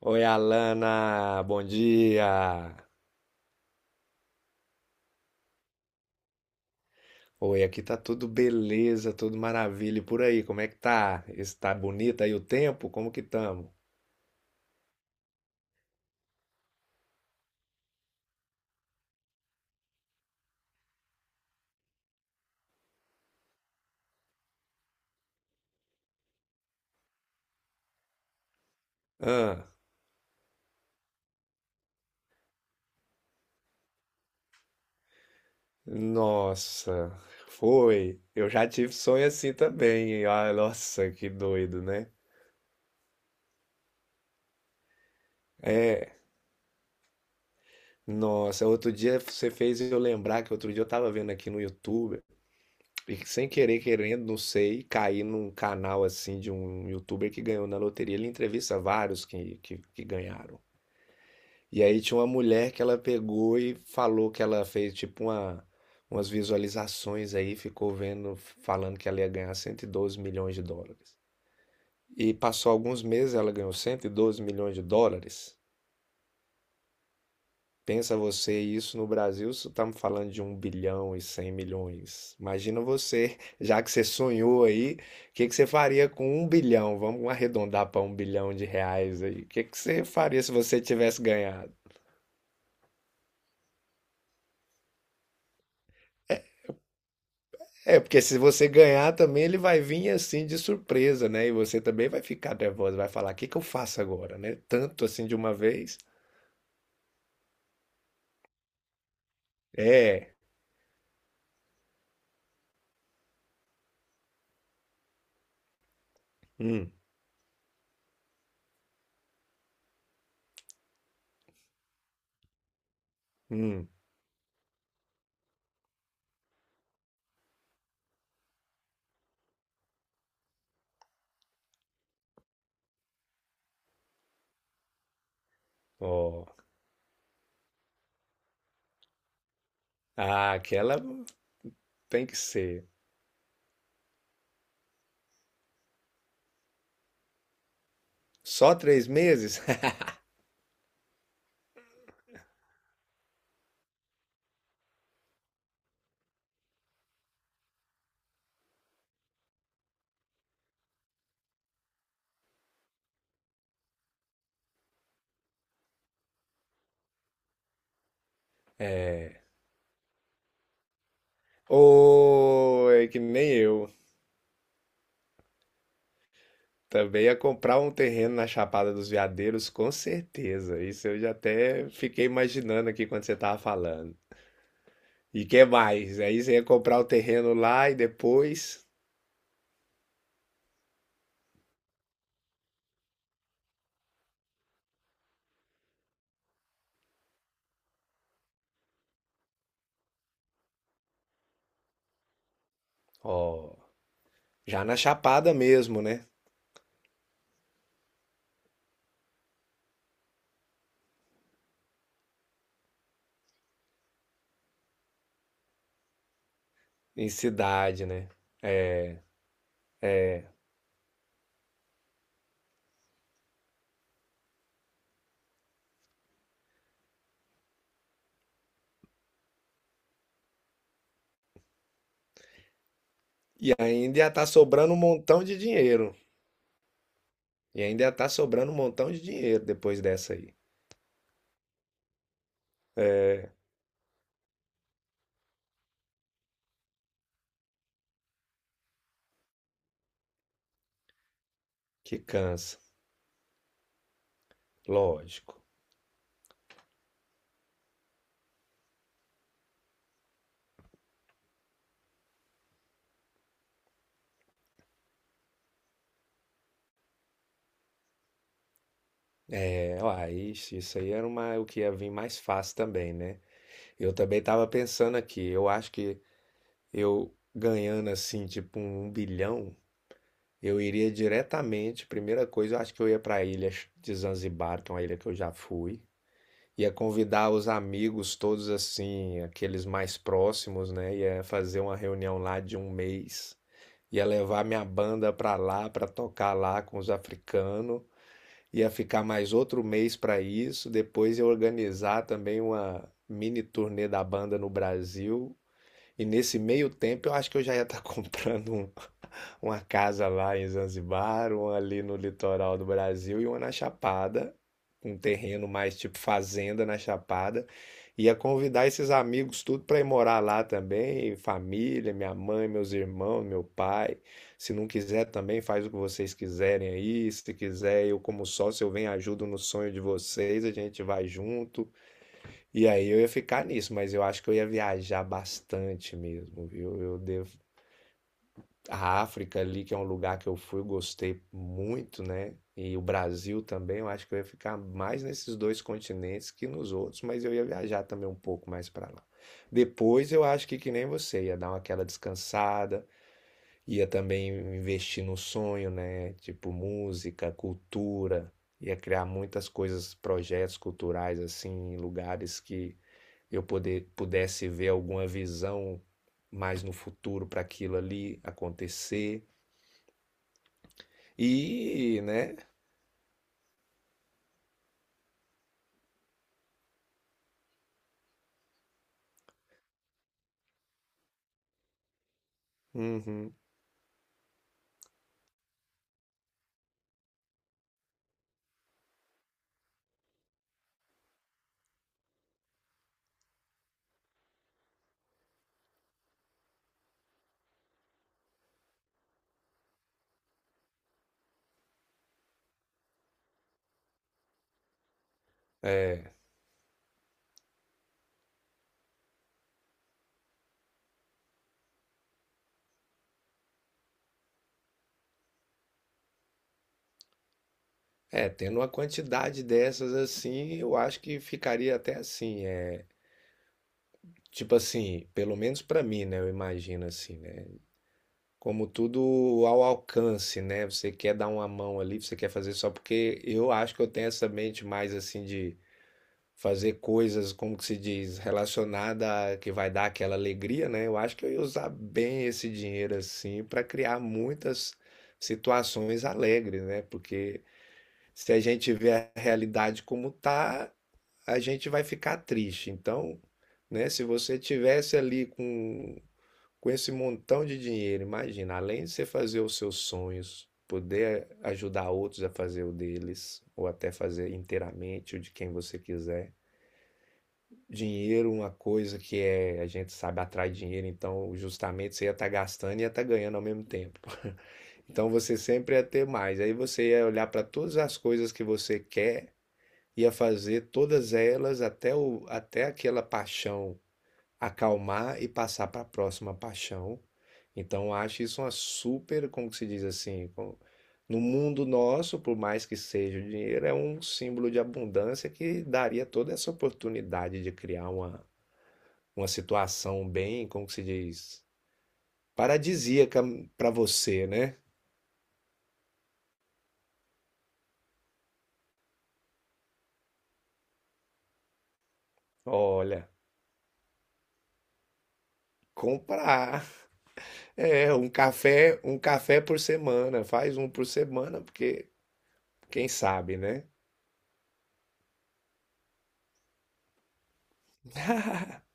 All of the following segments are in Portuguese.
Oi, Alana, bom dia. Oi, aqui tá tudo beleza, tudo maravilha. E por aí, como é que tá? Está bonito aí o tempo? Como que tamo? Ah, nossa, foi. Eu já tive sonho assim também. Ah, nossa, que doido, né? Nossa, outro dia você fez eu lembrar que outro dia eu tava vendo aqui no YouTube e que sem querer, querendo, não sei, caí num canal assim de um YouTuber que ganhou na loteria. Ele entrevista vários que ganharam. E aí tinha uma mulher que ela pegou e falou que ela fez tipo umas visualizações aí, ficou vendo, falando que ela ia ganhar 112 milhões de dólares. E passou alguns meses, ela ganhou 112 milhões de dólares. Pensa você, isso no Brasil, você tá me falando de 1.100.000.000. Imagina você, já que você sonhou aí, o que que você faria com 1.000.000.000? Vamos arredondar para R$ 1.000.000.000 aí. O que que você faria se você tivesse ganhado? É, porque se você ganhar também, ele vai vir assim de surpresa, né? E você também vai ficar nervosa, vai falar: o que que eu faço agora, né? Tanto assim de uma vez. É, hum, hum, ó. Ah, aquela tem que ser. Só 3 meses? Ô, é que nem eu. Também ia comprar um terreno na Chapada dos Veadeiros, com certeza. Isso eu já até fiquei imaginando aqui quando você tava falando. E que mais? Aí você ia comprar o terreno lá e depois. Ó. Já na Chapada mesmo, né? Em cidade, né? E ainda ia tá sobrando um montão de dinheiro. E ainda ia tá sobrando um montão de dinheiro depois dessa aí. É, que cansa, lógico. É, ó, isso aí era uma, o que ia vir mais fácil também, né? Eu também tava pensando aqui, eu acho que eu ganhando assim, tipo um bilhão, eu iria diretamente, primeira coisa, eu acho que eu ia pra ilha de Zanzibar, que é uma ilha que eu já fui. Ia convidar os amigos todos assim, aqueles mais próximos, né? Ia fazer uma reunião lá de 1 mês. Ia levar minha banda pra lá, pra tocar lá com os africanos. Ia ficar mais outro mês pra isso. Depois ia organizar também uma mini turnê da banda no Brasil. E nesse meio tempo eu acho que eu já ia estar comprando uma casa lá em Zanzibar, uma ali no litoral do Brasil e uma na Chapada, um terreno mais tipo fazenda na Chapada. Ia convidar esses amigos tudo para ir morar lá também, família, minha mãe, meus irmãos, meu pai. Se não quiser também, faz o que vocês quiserem aí. Se quiser, eu como sócio, eu venho e ajudo no sonho de vocês, a gente vai junto. E aí eu ia ficar nisso, mas eu acho que eu ia viajar bastante mesmo, viu? Eu devo a África ali, que é um lugar que eu fui, gostei muito, né? E o Brasil também, eu acho que eu ia ficar mais nesses dois continentes que nos outros, mas eu ia viajar também um pouco mais para lá. Depois eu acho que nem você, ia dar uma aquela descansada, ia também investir no sonho, né? Tipo música, cultura, ia criar muitas coisas, projetos culturais assim, em lugares que eu pudesse ver alguma visão mais no futuro para aquilo ali acontecer. E, né? Uhum. É, é, tendo uma quantidade dessas assim, eu acho que ficaria até assim, é, tipo assim, pelo menos pra mim, né? Eu imagino assim, né? Como tudo ao alcance, né? Você quer dar uma mão ali, você quer fazer só porque eu acho que eu tenho essa mente mais assim de fazer coisas, como que se diz, relacionada a que vai dar aquela alegria, né? Eu acho que eu ia usar bem esse dinheiro assim pra criar muitas situações alegres, né? Porque se a gente vê a realidade como tá, a gente vai ficar triste. Então, né, se você tivesse ali com esse montão de dinheiro, imagina, além de você fazer os seus sonhos, poder ajudar outros a fazer o deles, ou até fazer inteiramente o de quem você quiser. Dinheiro, uma coisa que é, a gente sabe atrai dinheiro, então justamente você ia estar gastando e ia estar ganhando ao mesmo tempo. Então você sempre ia ter mais. Aí você ia olhar para todas as coisas que você quer e a fazer todas elas até aquela paixão acalmar e passar para a próxima paixão. Então, eu acho isso uma super, como que se diz assim, no mundo nosso, por mais que seja o dinheiro, é um símbolo de abundância que daria toda essa oportunidade de criar uma situação bem, como que se diz, paradisíaca para você, né? Olha, comprar é um café por semana, faz um por semana, porque quem sabe, né?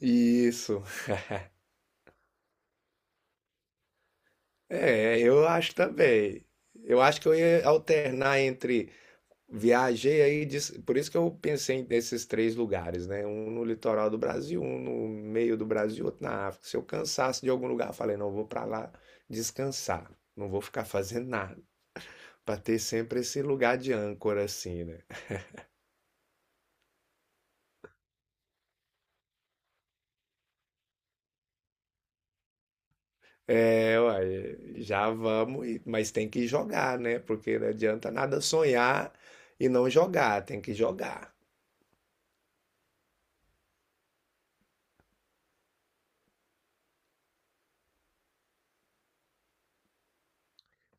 Isso. É, eu acho também. Eu acho que eu ia alternar entre viajei aí, por isso que eu pensei nesses 3 lugares, né? Um no litoral do Brasil, um no meio do Brasil, outro na África. Se eu cansasse de algum lugar, eu falei, não, eu vou pra lá descansar. Não vou ficar fazendo nada. Pra ter sempre esse lugar de âncora assim, né? É, uai, já vamos, mas tem que jogar, né? Porque não adianta nada sonhar e não jogar, tem que jogar.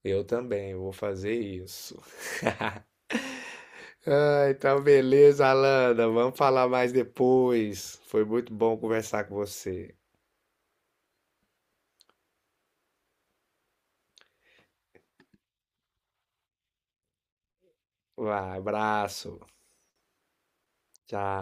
Eu também vou fazer isso. Ah, então beleza, Alana, vamos falar mais depois. Foi muito bom conversar com você. Vai, abraço, tchau.